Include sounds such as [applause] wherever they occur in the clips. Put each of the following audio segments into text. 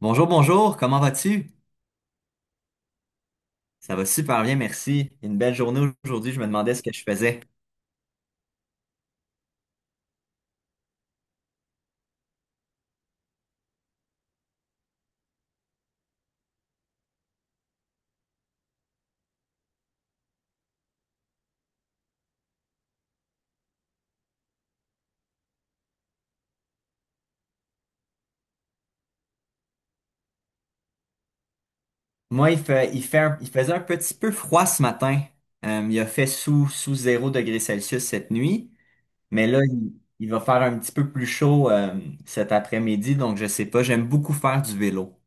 Bonjour, bonjour, comment vas-tu? Ça va super bien, merci. Une belle journée aujourd'hui, je me demandais ce que je faisais. Moi, il fait, il faisait un petit peu froid ce matin. Il a fait sous zéro degré Celsius cette nuit, mais il va faire un petit peu plus chaud cet après-midi, donc je sais pas, j'aime beaucoup faire du vélo.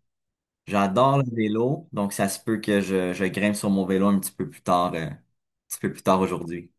J'adore le vélo, donc ça se peut que je grimpe sur mon vélo un petit peu plus tard, un petit peu plus tard aujourd'hui.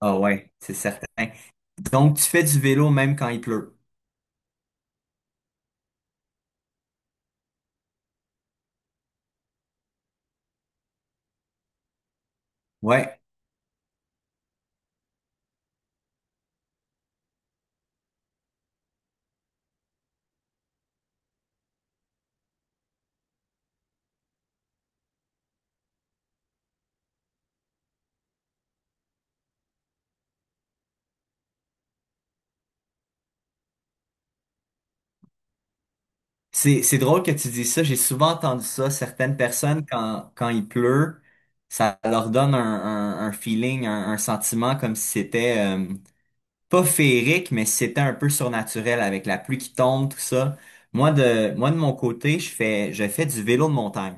Ah ouais, c'est certain. Donc, tu fais du vélo même quand il pleut. Ouais. C'est drôle que tu dis ça. J'ai souvent entendu ça. Certaines personnes, quand il pleut, ça leur donne un feeling, un sentiment comme si c'était pas féerique, mais si c'était un peu surnaturel avec la pluie qui tombe, tout ça. Moi, de mon côté, je fais du vélo de montagne.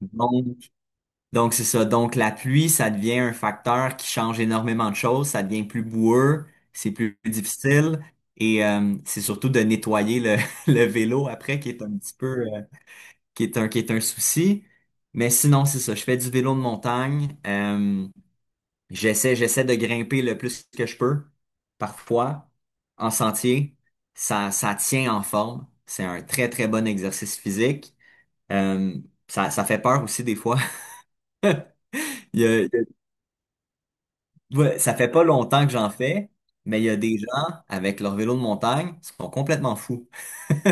Donc, donc c'est ça. Donc, la pluie, ça devient un facteur qui change énormément de choses. Ça devient plus boueux, c'est plus difficile. Et c'est surtout de nettoyer le, [laughs] le vélo après qui est un petit peu... qui est qui est un souci. Mais sinon, c'est ça. Je fais du vélo de montagne. J'essaie de grimper le plus que je peux. Parfois, en sentier, ça tient en forme. C'est un très, très bon exercice physique. Euh, Ça fait peur aussi des fois. [laughs] Il y a- il y ouais, ça fait pas longtemps que j'en fais, mais il y a des gens avec leur vélo de montagne qui sont complètement fous [laughs]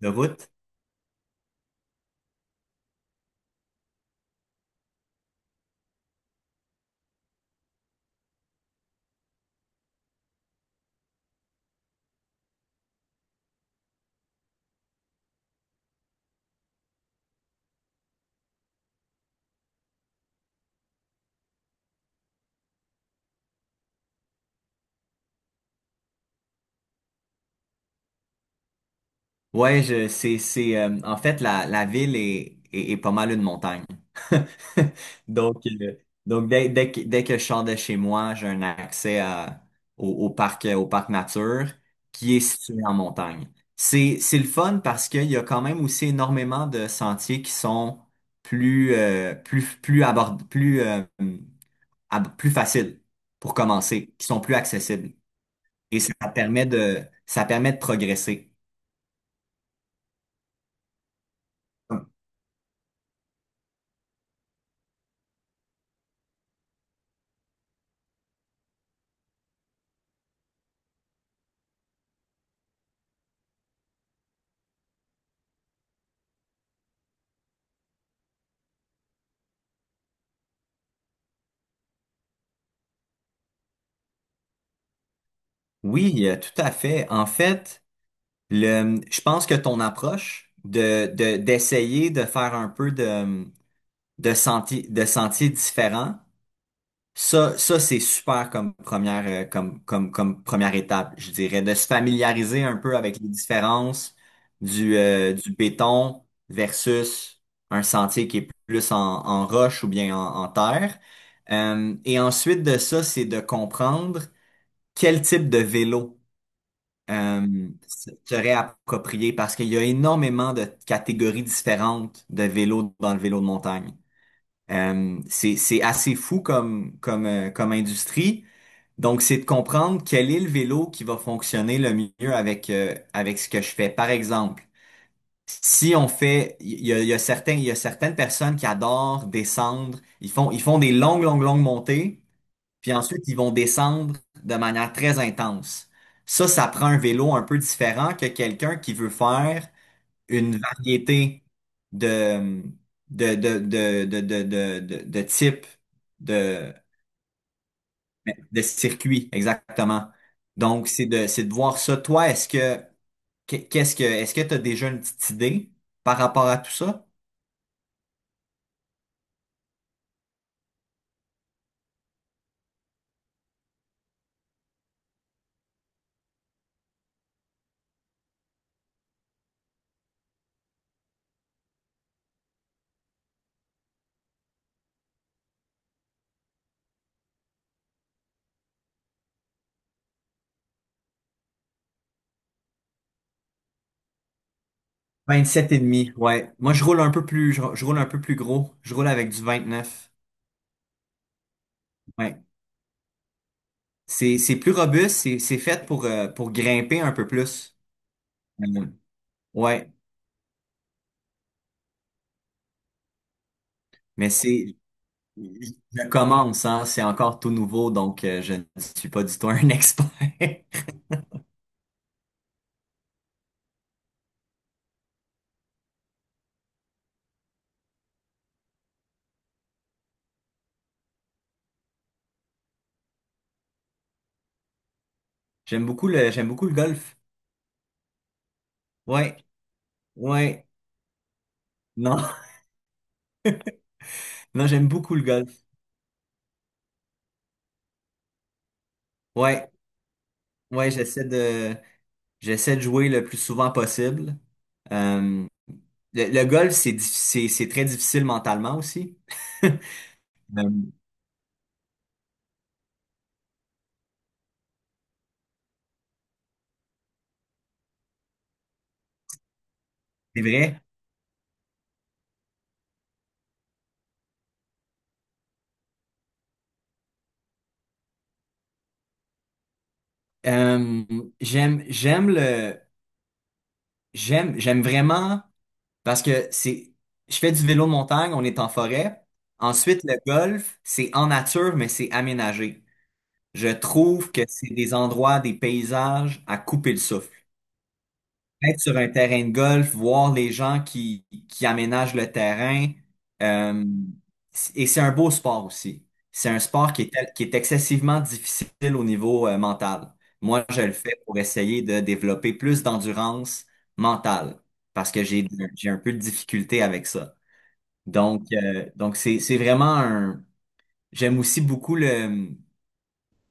de route. C'est, en fait, la ville est pas mal une montagne. [laughs] Donc, euh, donc dès que je sors de chez moi, j'ai un accès à, au parc nature qui est situé en montagne. C'est le fun parce qu'il y a quand même aussi énormément de sentiers qui sont plus abord, plus faciles pour commencer, qui sont plus accessibles. Et ça permet de progresser. Oui, tout à fait. En fait, je pense que ton approche d'essayer de faire un peu de sentiers différents, c'est super comme première, comme première étape, je dirais, de se familiariser un peu avec les différences du béton versus un sentier qui est plus en roche ou bien en terre. Et ensuite de ça, c'est de comprendre quel type de vélo euh, se réapproprier parce qu'il y a énormément de catégories différentes de vélos dans le vélo de montagne. C'est assez fou comme industrie. Donc, c'est de comprendre quel est le vélo qui va fonctionner le mieux avec ce que je fais. Par exemple, si on fait, il y a, il y a certaines personnes qui adorent descendre, ils font des longues, longues, longues montées puis ensuite, ils vont descendre de manière très intense. Ça prend un vélo un peu différent que quelqu'un qui veut faire une variété de, de type de, de circuit, exactement. Donc, c'est de voir ça. Toi, qu'est-ce que, est-ce que tu as déjà une petite idée par rapport à tout ça? 27 et demi, ouais. Moi, je roule un peu plus gros. Je roule avec du 29. C'est plus robuste, c'est fait pour grimper un peu plus. Euh, ouais, mais c'est, je commence, hein, c'est encore tout nouveau, donc je ne suis pas du tout un [laughs] expert. J'aime beaucoup le golf. Ouais, ouais, non, [laughs] non, j'aime beaucoup le golf. Ouais, ouais, j'essaie de jouer le plus souvent possible. Euh, le golf, c'est très difficile mentalement aussi. [laughs] Euh, c'est vrai. Euh, j'aime, j'aime le, j'aime vraiment parce que c'est, je fais du vélo de montagne, on est en forêt. Ensuite, le golf, c'est en nature, mais c'est aménagé. Je trouve que c'est des endroits, des paysages à couper le souffle être sur un terrain de golf, voir les gens qui aménagent le terrain. Euh, et c'est un beau sport aussi. C'est un sport qui est excessivement difficile au niveau mental. Moi, je le fais pour essayer de développer plus d'endurance mentale parce que j'ai un peu de difficulté avec ça. Donc c'est vraiment un... J'aime aussi beaucoup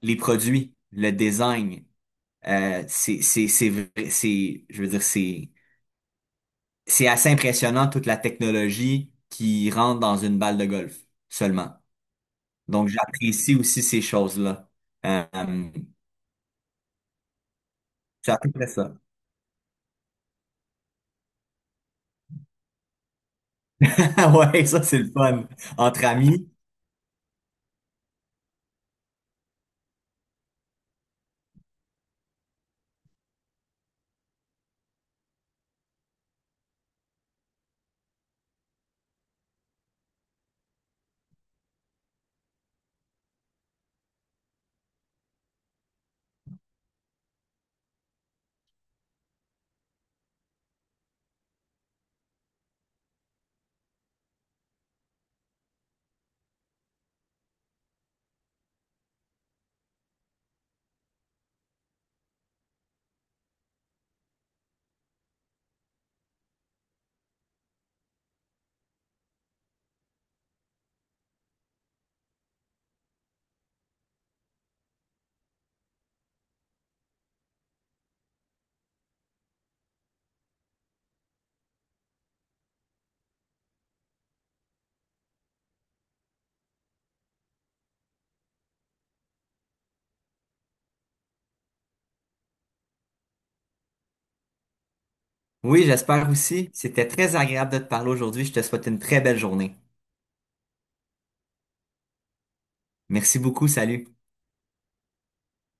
les produits, le design. C'est, je veux dire, c'est assez impressionnant toute la technologie qui rentre dans une balle de golf seulement. Donc, j'apprécie aussi ces choses-là. Euh, euh, c'est à peu près ça. [laughs] Ouais, ça, c'est le fun. Entre amis. Oui, j'espère aussi. C'était très agréable de te parler aujourd'hui. Je te souhaite une très belle journée. Merci beaucoup. Salut.